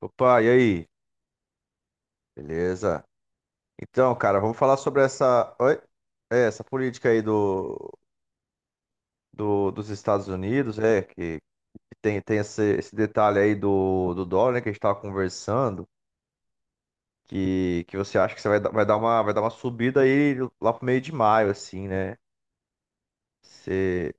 Opa, e aí? Beleza? Então, cara, vamos falar sobre essa, oi? Essa política aí dos Estados Unidos, que tem esse detalhe aí do dólar, né, que a gente estava conversando, que você acha que você vai, vai dar uma subida aí lá pro meio de maio, assim, né? Você...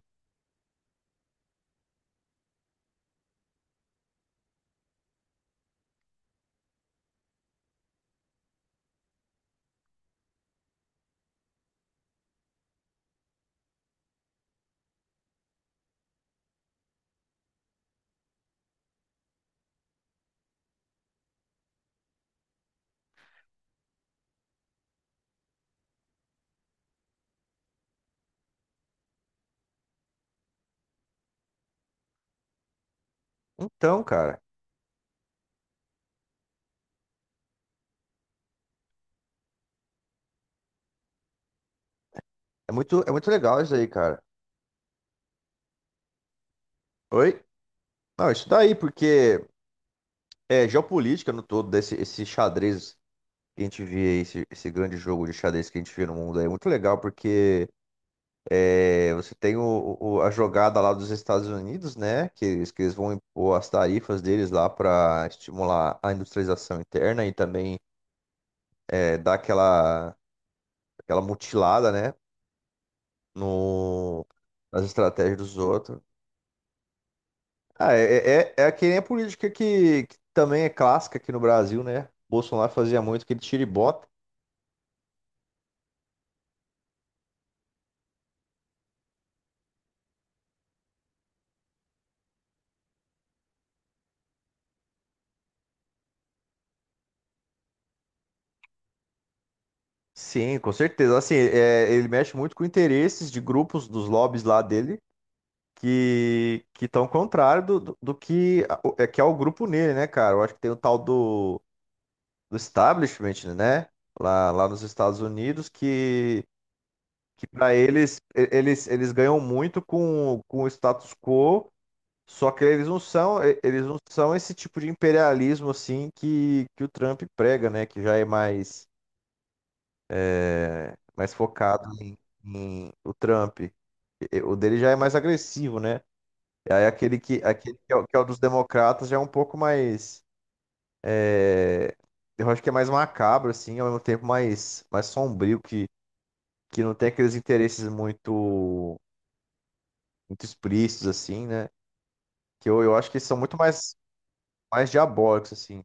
Então, cara, é muito legal isso aí, cara. Oi? Não, isso daí, porque é geopolítica no todo, esse xadrez. Que a gente vê aí, esse grande jogo de xadrez que a gente vê no mundo aí. É muito legal porque você tem a jogada lá dos Estados Unidos, né? Que eles vão impor as tarifas deles lá para estimular a industrialização interna e também dar aquela, aquela mutilada, né? No, nas estratégias dos outros. Ah, é, é, é que nem a política que também é clássica aqui no Brasil, né? Bolsonaro fazia muito aquele tira e bota. Sim, com certeza. Assim, é, ele mexe muito com interesses de grupos dos lobbies lá dele que estão contrário do que é que é o grupo nele, né, cara? Eu acho que tem o tal do, do establishment, né? Lá nos Estados Unidos que para eles eles ganham muito com o status quo, só que eles não são eles não são esse tipo de imperialismo assim que o Trump prega, né? Que já é mais mais focado em, em o Trump. E- O dele já é mais agressivo, né? E aí aquele que é o dos democratas já é um pouco mais. é, eu acho que é mais macabro, assim, ao mesmo tempo mais, mais sombrio, que não tem aqueles interesses muito, muito explícitos, assim, né? Que eu acho que são muito mais, mais diabólicos, assim.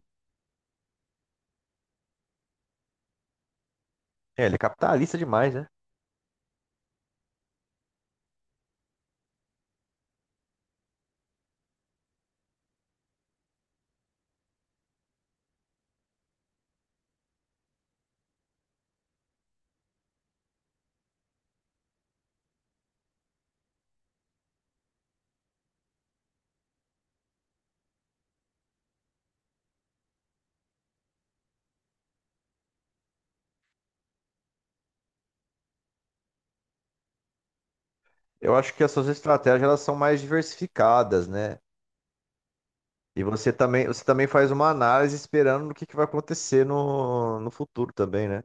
É, ele é capitalista demais, né? Eu acho que as suas estratégias elas são mais diversificadas, né? E você também faz uma análise esperando no que vai acontecer no futuro também, né?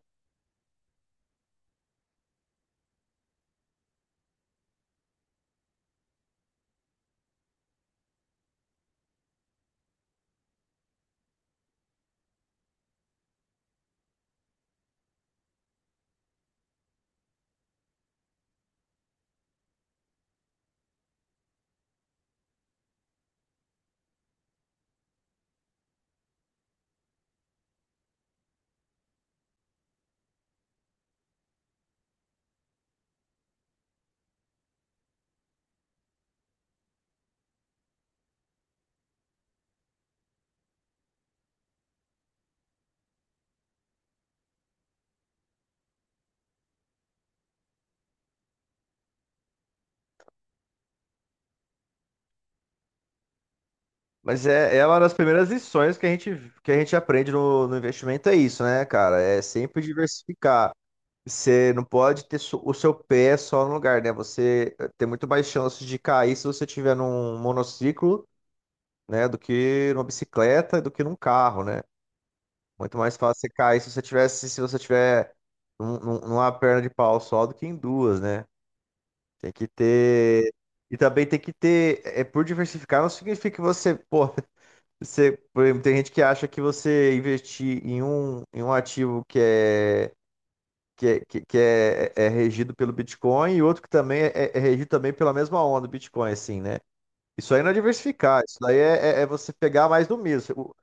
Mas é, é uma das primeiras lições que a gente aprende no investimento, é isso, né, cara? É sempre diversificar. Você não pode ter o seu pé só no lugar, né? Você tem muito mais chances de cair se você tiver num monociclo, né, do que numa bicicleta, do que num carro, né? Muito mais fácil você cair se você tivesse, se você tiver numa perna de pau só do que em duas, né? Tem que ter. E também tem que ter. É, por diversificar não significa que você, pô, você, por exemplo, tem gente que acha que você investir em um ativo que é, que é, que é, é regido pelo Bitcoin e outro que também é, é regido também pela mesma onda do Bitcoin, assim, né? Isso aí não é diversificar, isso daí é, é, é você pegar mais do mesmo. O-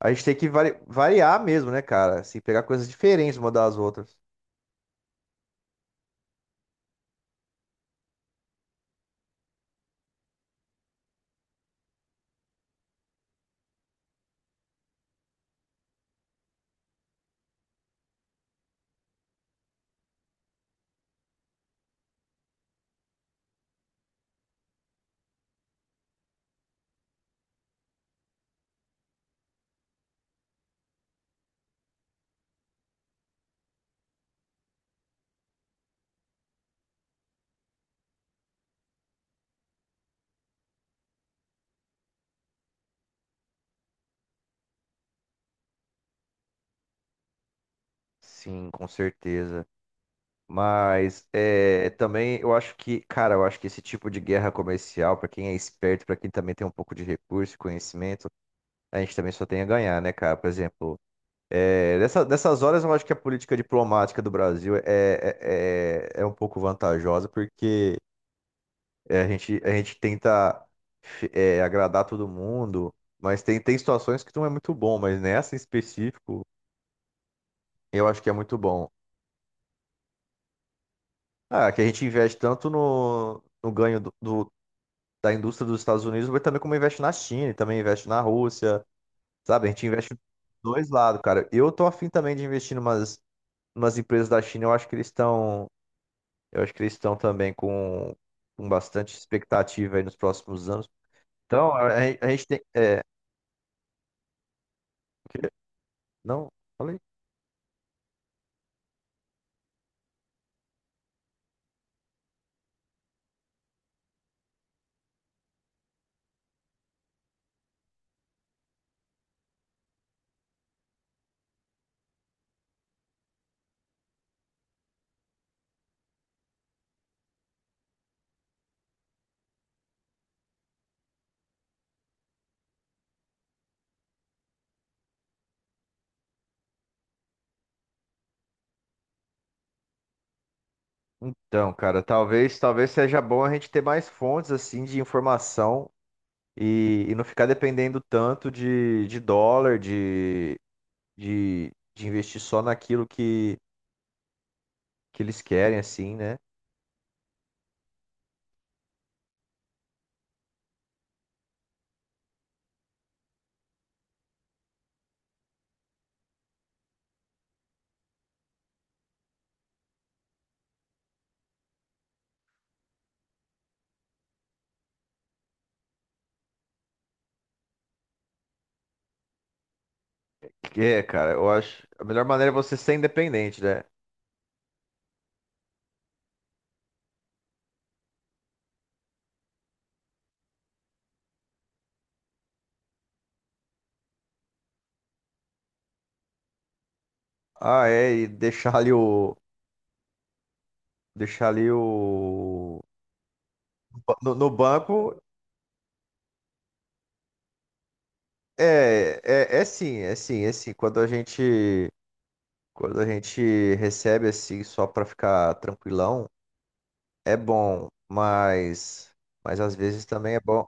A gente tem que variar mesmo, né, cara? Assim, pegar coisas diferentes uma das outras. Sim, com certeza. Mas é, também eu acho que, cara, eu acho que esse tipo de guerra comercial, pra quem é esperto, pra quem também tem um pouco de recurso e conhecimento, a gente também só tem a ganhar, né, cara? Por exemplo, é, nessas horas eu acho que a política diplomática do Brasil é, é, é, é um pouco vantajosa, porque é, a gente tenta agradar todo mundo, mas tem, tem situações que não é muito bom, mas nessa em específico eu acho que é muito bom. Ah, que a gente investe tanto no ganho do da indústria dos Estados Unidos, mas também como investe na China, e também investe na Rússia, sabe? A gente investe dos dois lados, cara. Eu tô afim também de investir em umas, umas empresas da China, eu acho que eles estão, eu acho que eles estão também com bastante expectativa aí nos próximos anos. Então, a gente tem, é, o quê? Não, falei. Então, cara, talvez, talvez seja bom a gente ter mais fontes assim de informação e não ficar dependendo tanto de dólar, de investir só naquilo que eles querem, assim, né? Que é, cara, eu acho. A melhor maneira é você ser independente, né? Ah, é, e deixar ali o. Deixar ali o. No, no banco. É, é, é sim, é sim, é sim. Quando a gente. Quando a gente recebe assim, só pra ficar tranquilão, é bom, mas. Mas às vezes também é bom.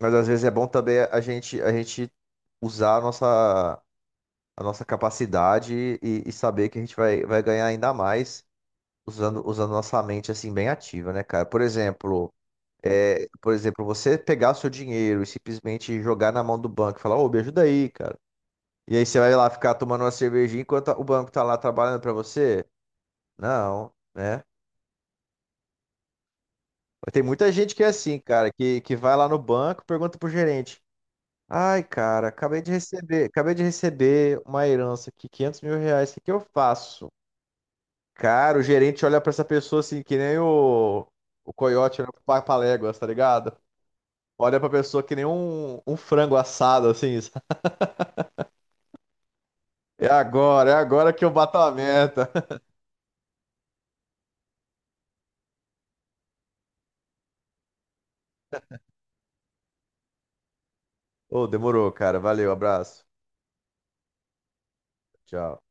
Mas às vezes é bom também a gente usar a nossa capacidade e saber que a gente vai, vai ganhar ainda mais usando, usando nossa mente assim bem ativa, né, cara? Por exemplo, é, por exemplo, você pegar o seu dinheiro e simplesmente jogar na mão do banco e falar, ô, me ajuda aí, cara. E aí você vai lá ficar tomando uma cervejinha enquanto o banco tá lá trabalhando pra você? Não, né? Tem muita gente que é assim, cara, que vai lá no banco, pergunta pro gerente. Ai, cara, acabei de receber uma herança aqui, 500 mil reais, o que que eu faço? Cara, o gerente olha pra essa pessoa assim, que nem o coiote olha pro Papaléguas, tá ligado? Olha pra pessoa que nem um, um frango assado, assim. Sabe? É agora que eu bato a meta. Ô, demorou, cara. Valeu, abraço. Tchau.